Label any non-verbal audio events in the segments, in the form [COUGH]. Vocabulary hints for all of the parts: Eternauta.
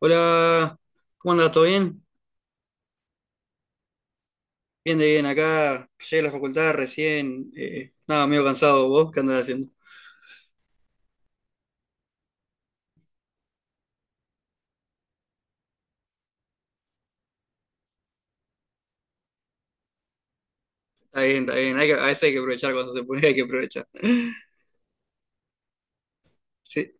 Hola, ¿cómo andas? ¿Todo bien? Bien de bien, acá llegué a la facultad recién, nada, medio cansado, ¿vos qué andás haciendo? Está bien, a veces hay que aprovechar cuando se puede, [LAUGHS] hay que aprovechar. [LAUGHS] Sí.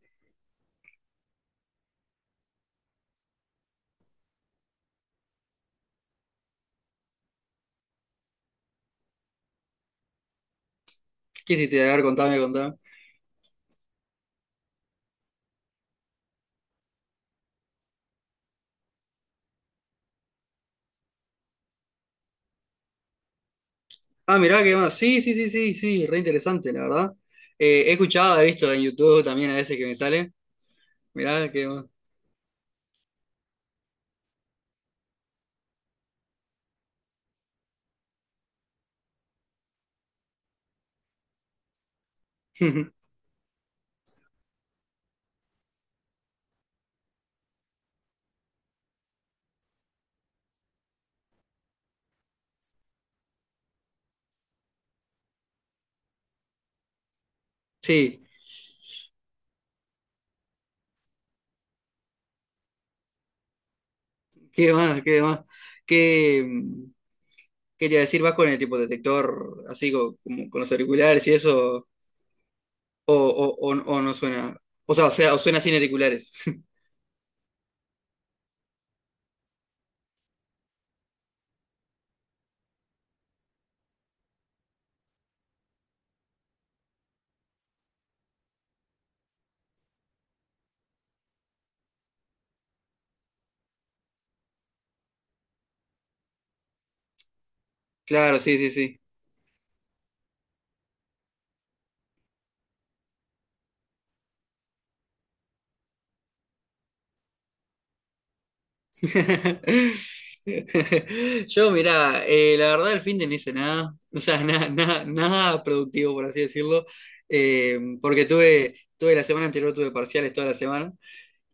¿Qué hiciste? A ver, contame, contame. Ah, mirá, qué más, sí, sí, sí, sí, sí, re interesante, la verdad. He escuchado, he visto en YouTube también a veces que me sale, mirá, qué más. [LAUGHS] Sí, qué más, qué más. ¿Qué, mm, ¿qué te iba a decir? ¿Vas con el tipo detector así como con los auriculares y eso? O, o, o, o no suena. O sea, o suena sin auriculares. [LAUGHS] Claro, sí, sí, sí. [LAUGHS] Yo, mirá, la verdad el fin de no hice nada. O sea, nada, nada, nada productivo, por así decirlo. Porque tuve la semana anterior, tuve parciales toda la semana.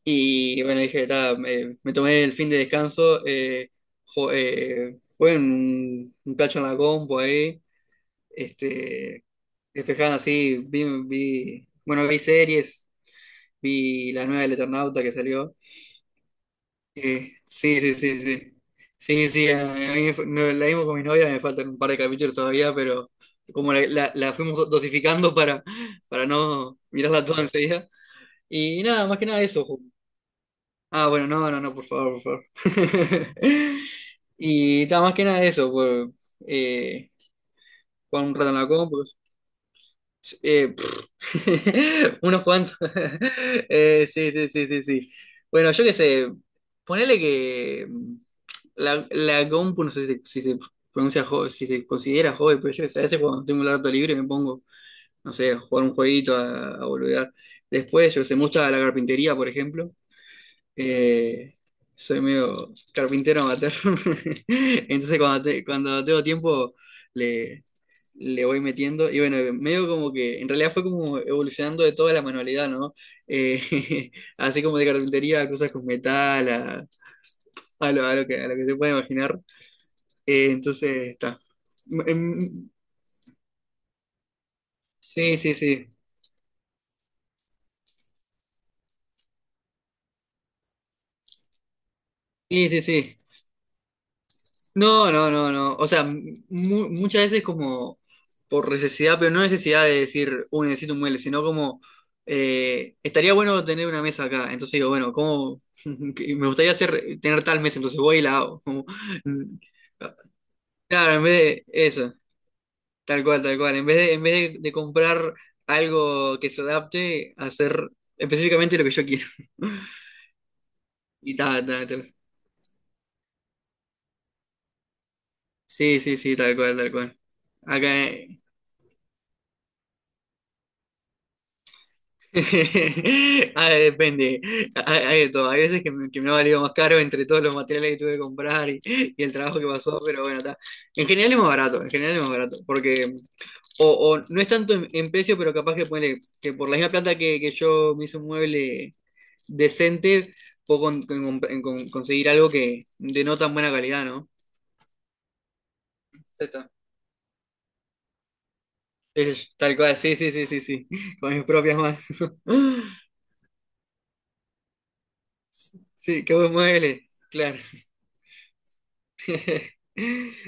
Y bueno, dije, ta, me tomé el fin de descanso. Jugué un cacho en la compu ahí. Este, despejando así, vi series. Vi la nueva del Eternauta que salió. Sí, sí, sí, sí. Sí, sí, a mí me fa- no, la vimos con mi novia, me faltan un par de capítulos todavía, pero como la fuimos dosificando para no mirarla toda enseguida. Y nada, más que nada eso. Ju. Ah, bueno, no, no, no, por favor, por favor. [LAUGHS] Y nada, más que nada eso, por, eh, jugar un rato en la compu. Sí. Pff, [LAUGHS] unos cuantos. [LAUGHS] Sí, sí, sí, sí, sí. Bueno, yo qué sé, ponele que la compu, no sé si se pronuncia, si se considera hobby, pero yo qué sé, a veces cuando tengo un rato libre me pongo, no sé, a jugar un jueguito, a boludear. Después, yo qué sé, me gusta la carpintería, por ejemplo. Eh, soy medio carpintero amateur. [LAUGHS] Entonces, cuando tengo tiempo, le voy metiendo. Y bueno, medio como que en realidad fue como evolucionando de toda la manualidad, ¿no? Eh, [LAUGHS] así como de carpintería a cosas con metal, a lo que se puede imaginar. Entonces, está. Mm, mm. Sí, sí, sí. Sí, sí, sí. No, no, no, no. O sea, muchas veces como por necesidad, pero no necesidad de decir, uy, necesito un mueble, sino como, estaría bueno tener una mesa acá. Entonces digo, bueno, ¿cómo? [LAUGHS] Que me gustaría tener tal mesa, entonces voy y la hago. Como, [LAUGHS] mm, claro, en vez de eso, tal cual, tal cual. En vez de, de comprar algo que se adapte, hacer específicamente lo que yo quiero. [LAUGHS] Y tal, tal, tal. Sí, sí, sí, tal cual, tal cual. Acá. [LAUGHS] Ah, depende. Hay de todo. Hay veces que me ha valido más caro entre todos los materiales que tuve que comprar y el trabajo que pasó, pero bueno, está. En general es más barato, en general es más barato, porque o, o no es tanto en precio, pero capaz que ponele, que por la misma plata que yo me hice un mueble decente, puedo conseguir algo que de no tan buena calidad, ¿no? Sí, está. Es tal cual, sí, sí, sí, sí, sí, [LAUGHS] con mis propias manos. [LAUGHS] Sí, qué buen mueble, claro. [LAUGHS]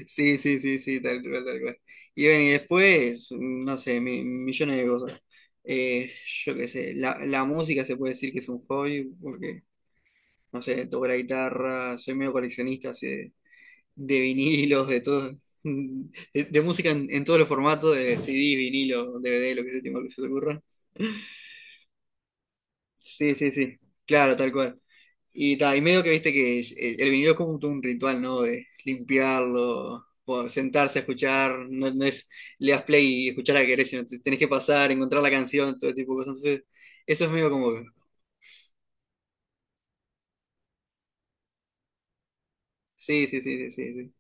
Sí, sí, sí, sí, tal cual, tal cual. Y ven, y después, no sé, millones de cosas. Eh, yo qué sé, la música se puede decir que es un hobby, porque, no sé, toco la guitarra, soy medio coleccionista así de vinilos, de todo, [LAUGHS] de música en todos los formatos, de CD, vinilo, DVD, lo que se te, lo que se te ocurra. Sí, sí, sí. Claro, tal cual. Y, ta, y medio que viste que el vinilo es como todo un ritual, ¿no? De limpiarlo, sentarse a escuchar, no, no es le das play y escuchar a que querés, sino tenés que pasar, encontrar la canción, todo tipo de cosas. Entonces, eso es medio como. Que sí, sí, sí, sí, sí, sí.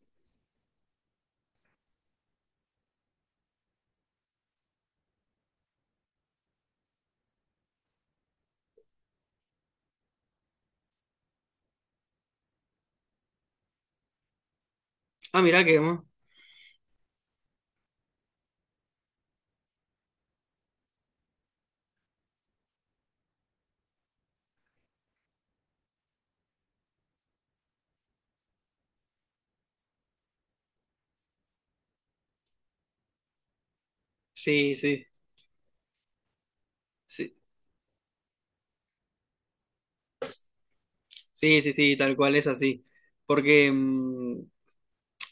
Ah, mirá que, ¿no? Sí, sí, sí. Sí, sí, sí, tal cual es así. Porque mm,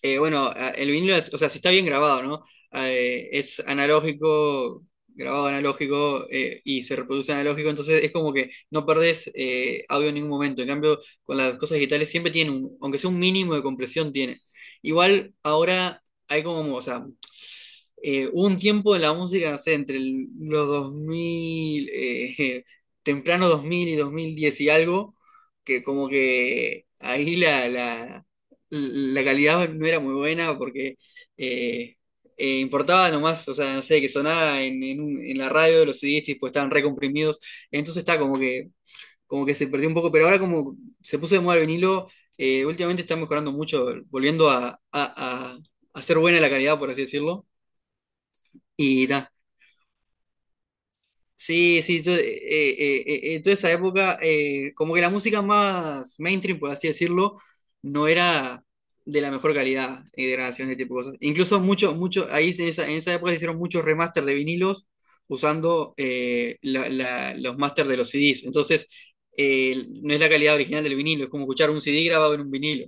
El vinilo es, o sea, si está bien grabado, ¿no? Ah, eh, es analógico, grabado analógico y se reproduce analógico, entonces es como que no perdés audio en ningún momento. En cambio, con las cosas digitales siempre tienen un, aunque sea un mínimo de compresión, tiene. Igual ahora hay como, o sea, hubo un tiempo de la música, no sé, entre los 2000, [LAUGHS] temprano 2000 y 2010 y algo, que como que ahí la calidad no era muy buena porque eh, importaba nomás, o sea, no sé, que sonaba en, en la radio, los CDs tipo, estaban recomprimidos, entonces está como que se perdió un poco, pero ahora como se puso de moda el vinilo, últimamente está mejorando mucho, volviendo a ser buena la calidad, por así decirlo. Mira, sí, sí, yo, toda esa época, como que la música más mainstream, por así decirlo, no era de la mejor calidad de grabación, de tipo de cosas. Incluso mucho, mucho, ahí en esa época se hicieron muchos remaster de vinilos usando los masters de los CDs. Entonces, no es la calidad original del vinilo, es como escuchar un CD grabado en un vinilo.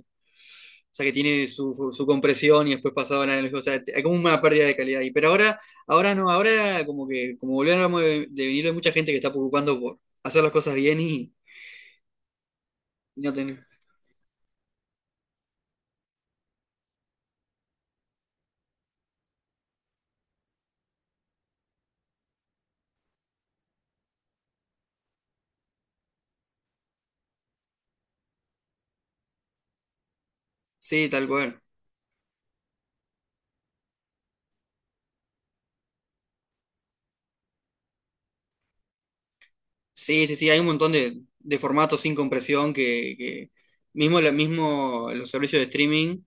O sea que tiene su, su compresión y después pasado la analógica. O sea, hay como una pérdida de calidad ahí. Pero ahora, ahora no, ahora como que, como volvemos de vinilo, hay mucha gente que está preocupando por hacer las cosas bien y no tener. Sí, tal cual. Sí, sí, sí, hay un montón de formatos sin compresión que mismo, mismo los servicios de streaming,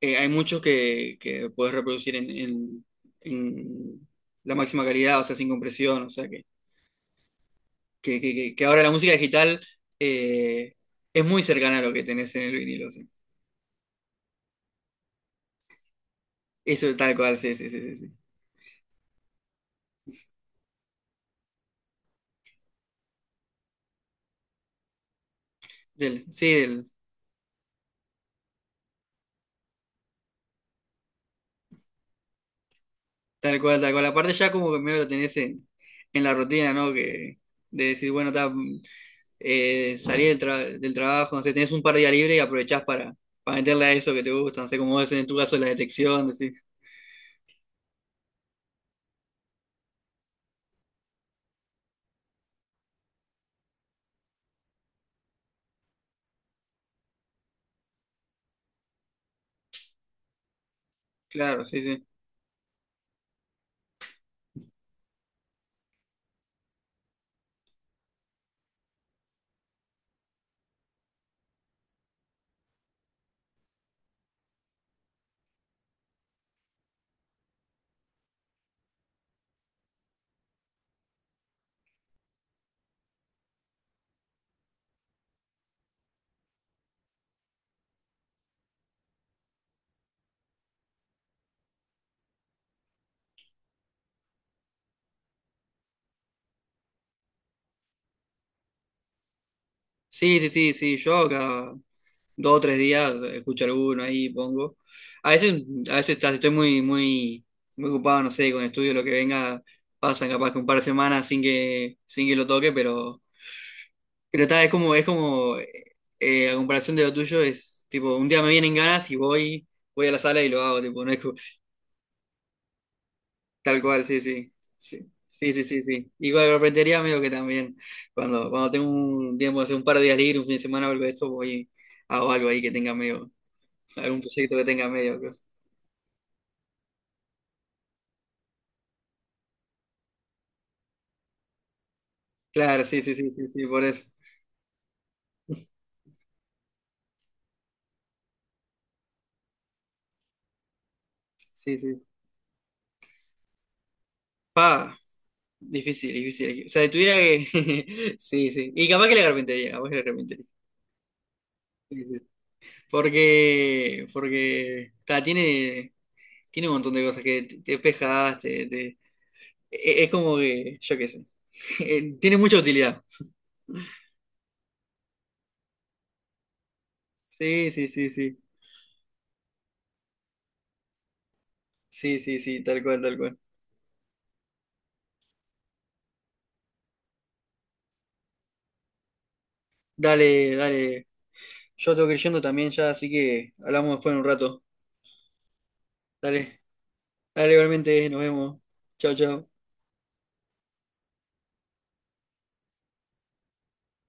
hay muchos que puedes reproducir en la máxima calidad, o sea, sin compresión, o sea que. Que ahora la música digital eh, es muy cercana a lo que tenés en el vinilo, sí. Eso tal cual, sí, sí, sí, sí. Sí, Del- sí, del- tal cual, tal cual. Aparte ya como que medio lo tenés en la rutina, ¿no? Que, de decir, bueno, ta, mm, eh, salí del trabajo, no sé, tenés un par de días libre y aprovechás para meterle a eso que te gusta, no sé, como es en tu caso la detección, decís, claro, sí, sí. Sí, sí, sí, sí, yo acá. 2 o 3 días, escucho alguno ahí, pongo. A veces, estoy muy, muy, muy ocupado, no sé, con estudio, lo que venga, pasan capaz que un par de semanas sin que, sin que lo toque, pero está, es como, a comparación de lo tuyo, es tipo, un día me vienen ganas y voy, voy a la sala y lo hago, tipo, no es co- tal cual, sí, sí. Sí, sí, sí, sí. Sí. Y con la carpintería medio que también, cuando tengo un tiempo, hace un par de días libre, un fin de semana o algo de esto, voy, hago algo ahí que tenga medio algún proyecto que tenga medio. Claro, sí, sí, sí, sí, sí, por eso. Sí, sí. Pa, difícil, difícil. O sea, si tuviera que. [LAUGHS] Sí, sí. Y capaz que la carpintería, capaz que la carpintería. Sí, sí. Porque ta, tiene un montón de cosas que te despejas, es como que, yo qué sé, [LAUGHS] tiene mucha utilidad. Sí, sí, sí, sí, sí, sí, sí, tal cual, tal cual. Dale, dale, yo tengo que ir yendo también ya, así que hablamos después en un rato. Dale, dale, igualmente, nos vemos. Chao, chao.